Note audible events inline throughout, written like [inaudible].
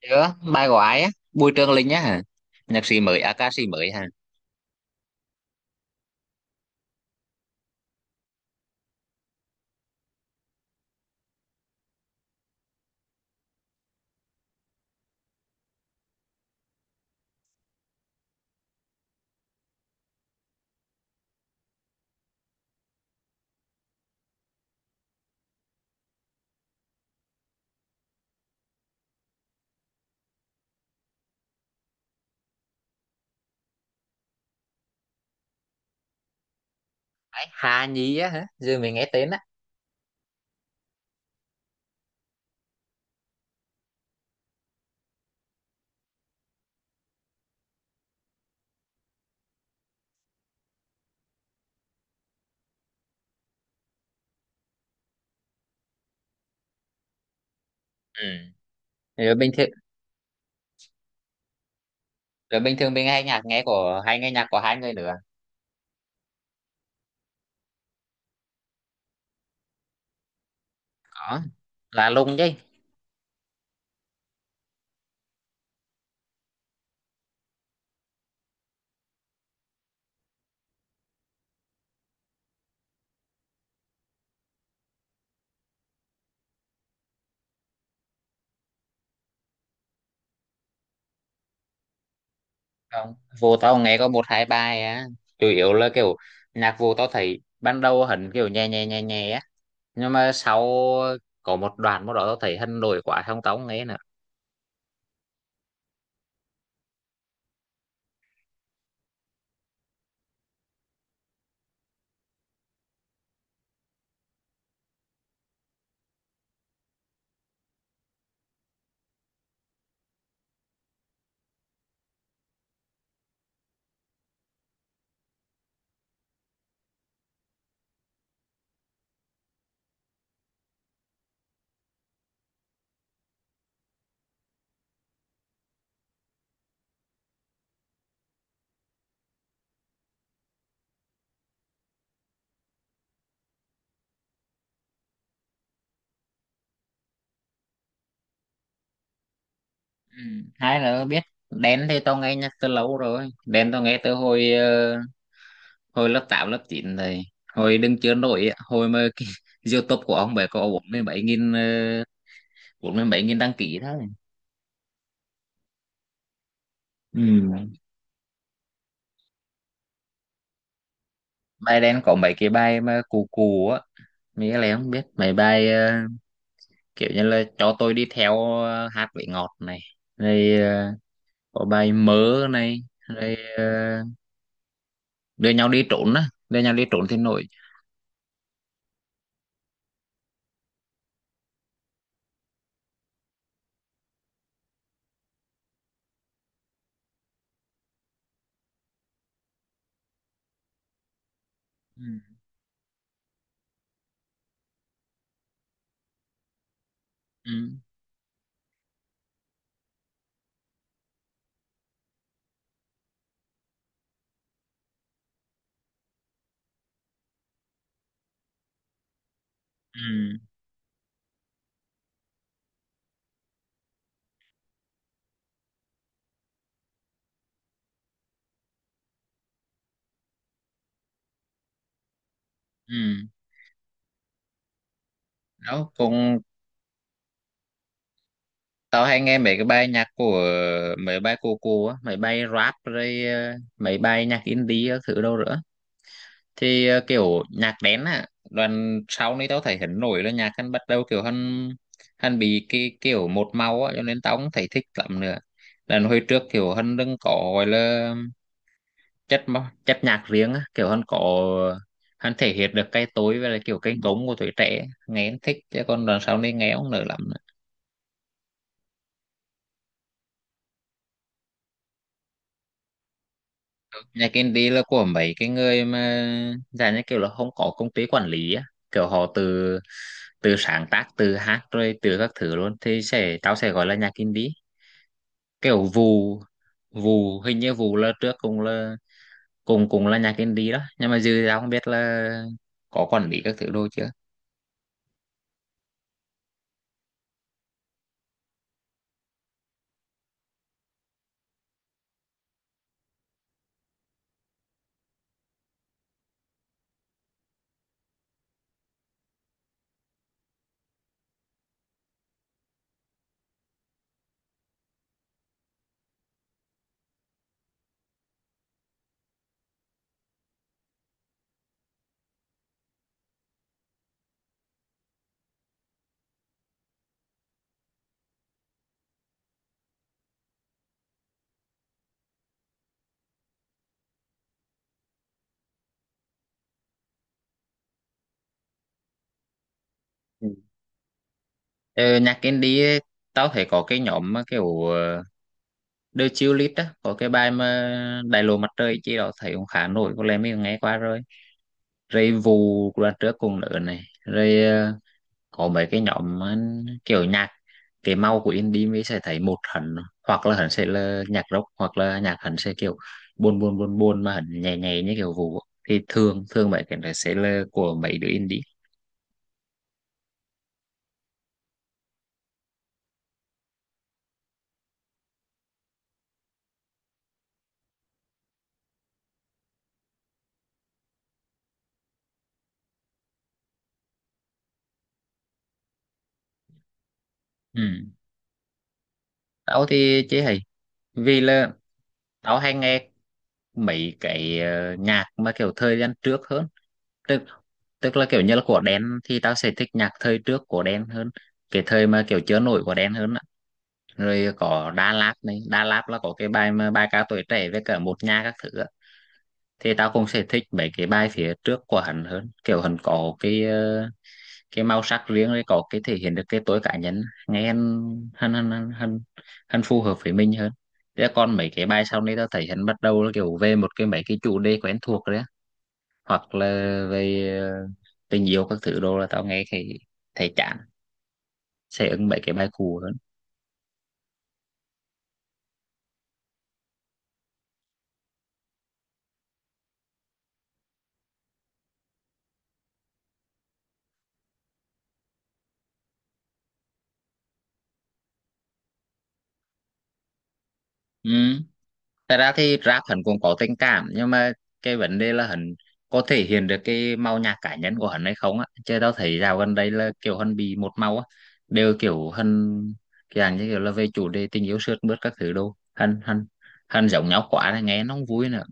Chưa, bài của ai á? Bùi Trường Linh á hả? Nhạc sĩ mới, à, ca sĩ mới hả? Ấy, Hà Nhi á hả? Giờ mình nghe tên á. Ừ. Rồi bình thường, rồi bình thường, mình hay nghe nhạc của hai người nữa. Có. Là lùng chứ. Không. Vô tao nghe có một hai bài á. Chủ yếu là kiểu nhạc vô tao thấy ban đầu hẳn kiểu nhẹ nhẹ nhẹ nhẹ á. Nhưng mà sau có một đoạn một đó tao thấy hân nổi quá không tao không nghe nữa. Ừ. Hai nữa biết Đen thì tao nghe nhạc từ lâu rồi. Đen tao nghe từ hồi lớp 8, lớp 9 thầy hồi đứng chưa nổi á, hồi mà cái [laughs] YouTube của ông bé có 47.000 đăng ký thôi. Ừ. Bài đen có mấy cái bài mà cù cù á, mấy cái này không biết mấy bài, kiểu như là cho tôi đi theo, hát vị ngọt này, rồi có bài mớ này, rồi đưa nhau đi trốn á, đưa nhau đi trốn thì nổi. Ừ. Ừ. Ừ. Ừ. Đó cũng tao hay nghe mấy cái bài nhạc của mấy bài cô á, mấy bài rap rồi mấy bài nhạc indie các thứ đâu nữa. Thì kiểu nhạc đen á, đoạn sau này tao thấy hắn nổi là nhạc hắn bắt đầu kiểu hắn hắn bị cái kiểu một màu á, cho nên tao không thấy thích lắm nữa. Lần hồi trước kiểu hắn đừng có gọi là chất nhạc riêng á, kiểu hắn có hắn thể hiện được cái tối với lại kiểu cái gống của tuổi trẻ nghe hắn thích, chứ còn đoạn sau này nghe không nở lắm. Nhà kinh tế là của mấy cái người mà dạng như kiểu là không có công ty quản lý á, kiểu họ từ từ sáng tác, từ hát rồi từ các thứ luôn, thì tao sẽ gọi là nhà kinh tế. Kiểu vụ vụ hình như vụ là trước cũng là cùng cùng là nhà kinh tế đó, nhưng mà dư tao không biết là có quản lý các thứ đồ chưa. Ừ. Ờ, Nhạc indie ấy, tao thấy có cái nhóm mà kiểu The Chill List á, có cái bài mà Đại lộ mặt trời chi đó thấy cũng khá nổi, có lẽ mình nghe qua rồi, rồi vụ đoàn trước cùng nữa này, rồi có mấy cái nhóm kiểu nhạc, cái màu của indie mới sẽ thấy một hẳn, hoặc là hẳn sẽ là nhạc rock hoặc là nhạc hẳn sẽ kiểu buồn buồn buồn buồn mà hẳn nhẹ nhẹ như kiểu vụ, thì thường thường mấy cái này sẽ là của mấy đứa indie. Ừ. Tao thì chế hay vì là tao hay nghe mấy cái nhạc mà kiểu thời gian trước hơn, tức tức là kiểu như là của Đen thì tao sẽ thích nhạc thời trước của Đen hơn, cái thời mà kiểu chưa nổi của Đen hơn á. Rồi có Đà Lạt này, Đà Lạt là có cái bài mà bài ca tuổi trẻ với cả một nhà các thứ á. Thì tao cũng sẽ thích mấy cái bài phía trước của hắn hơn, kiểu hắn có cái cái màu sắc riêng rồi có cái thể hiện được cái tôi cá nhân, nghe hắn hắn hắn hắn hắn, hắn phù hợp với mình hơn. Thế còn mấy cái bài sau này tao thấy hắn bắt đầu là kiểu về một cái mấy cái chủ đề quen thuộc đấy á, hoặc là về tình yêu các thứ đồ là tao nghe thì thấy chán, sẽ ứng mấy cái bài cũ hơn. Ừ. Thật ra thì rap hắn cũng có tình cảm, nhưng mà cái vấn đề là hắn có thể hiện được cái màu nhạc cá nhân của hắn hay không á. Chứ tao thấy dạo gần đây là kiểu hắn bị một màu á, đều kiểu hắn cái dạng như kiểu là về chủ đề tình yêu sướt mướt các thứ đâu. Hắn hắn hắn giống nhau quá là nghe nó không vui nữa.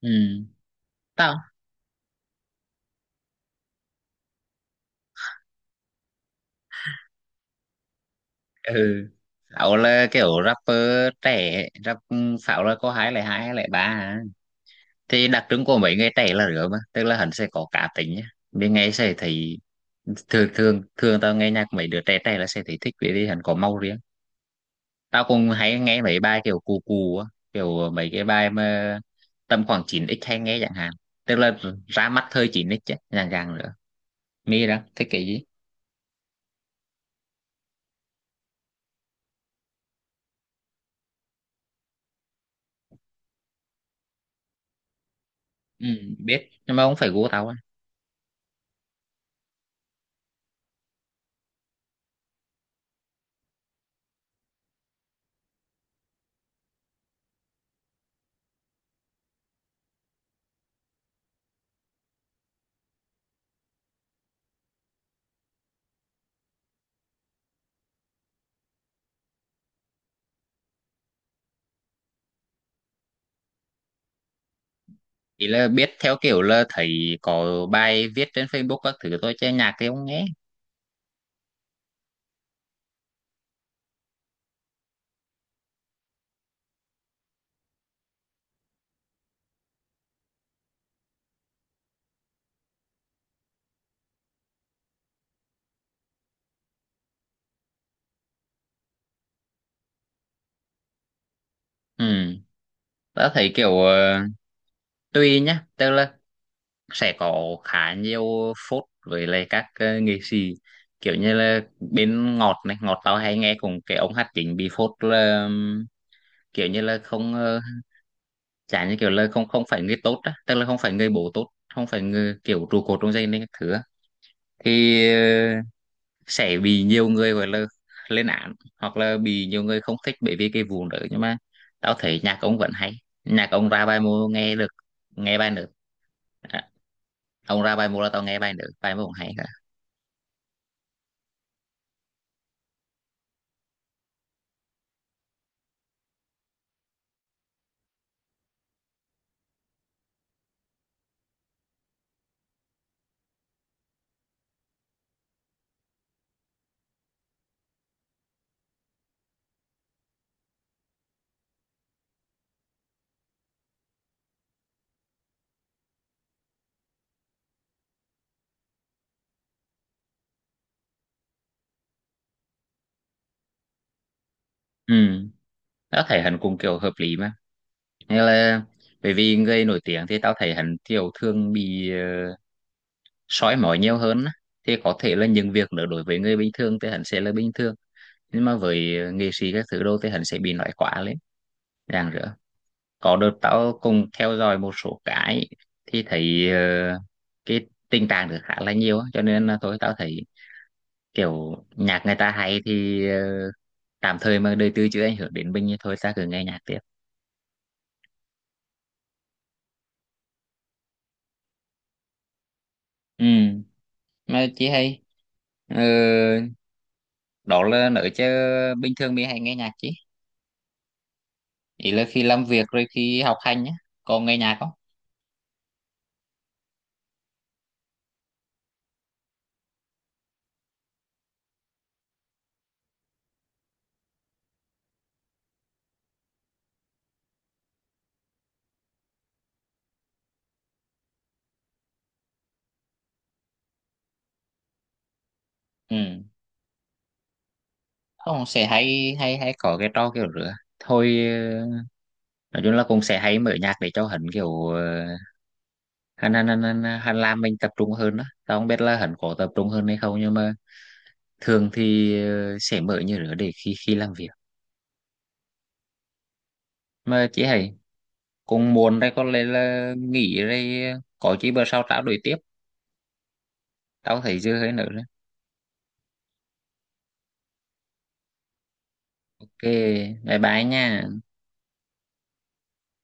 Ừ. Tao ừ. Pháo là kiểu rapper trẻ, rap. Pháo là có 2002 hay 2003 à. Thì đặc trưng của mấy người trẻ là rửa mà, tức là hắn sẽ có cá tính nhá. Bên nghe sẽ thấy, thường thường thường tao nghe nhạc mấy đứa trẻ trẻ là sẽ thấy thích vì vì hắn có màu riêng. Tao cũng hay nghe mấy bài kiểu cù cù á, kiểu mấy cái bài mà tầm khoảng chín x hay nghe chẳng hạn, tức là ra mắt thời chín x ấy, dạng dạng nữa mi đó thích cái gì. Ừ, biết nhưng mà không phải gu tao á, chỉ là biết theo kiểu là thấy có bài viết trên Facebook các thứ thôi chứ nhạc thì không nghe. Ừ, tao thấy kiểu tùy nhá, tức là sẽ có khá nhiều phốt với lại các nghệ sĩ, kiểu như là bên Ngọt này, Ngọt tao hay nghe cùng cái ông hát chính bị phốt là, kiểu như là không chả, như kiểu là không không phải người tốt á, tức là không phải người bố tốt, không phải người kiểu trụ cột trong gia đình các thứ á. Thì sẽ bị nhiều người gọi là lên án, hoặc là bị nhiều người không thích bởi vì cái vụ đó, nhưng mà tao thấy nhạc ông vẫn hay, nhạc ông ra bài mô nghe được, nghe bài nữa. À, ông ra bài mô là tao nghe bài nữa, bài mô cũng hay cả. Ừ, tao thấy hắn cũng kiểu hợp lý mà, như là bởi vì người nổi tiếng thì tao thấy hắn kiểu thường bị uh, soi mói nhiều hơn á. Thì có thể là những việc nữa đối với người bình thường thì hắn sẽ là bình thường, nhưng mà với nghệ sĩ các thứ đâu thì hắn sẽ bị nói quá lên ràng rỡ. Có đợt tao cùng theo dõi một số cái thì thấy cái tình trạng được khá là nhiều á, cho nên là thôi tao thấy kiểu nhạc người ta hay thì tạm thời mà đời tư chưa ảnh hưởng đến mình thì thôi ta cứ nghe nhạc tiếp. Ừ. Mà chị hay ờ, đó là nữ chứ, bình thường mình hay nghe nhạc chị, ý là khi làm việc rồi khi học hành nhá, có nghe nhạc không. Ừ, không sẽ hay hay hay có cái trò kiểu rửa thôi, nói chung là cũng sẽ hay mở nhạc để cho hắn kiểu hắn làm mình tập trung hơn đó, tao không biết là hắn có tập trung hơn hay không, nhưng mà thường thì sẽ mở như rửa để khi khi làm việc. Mà chị hay cũng muốn đây, có lẽ là nghỉ đây, có chị bữa sau trao đổi tiếp, tao thấy dư hơi nữa. Ok, bye bye nha.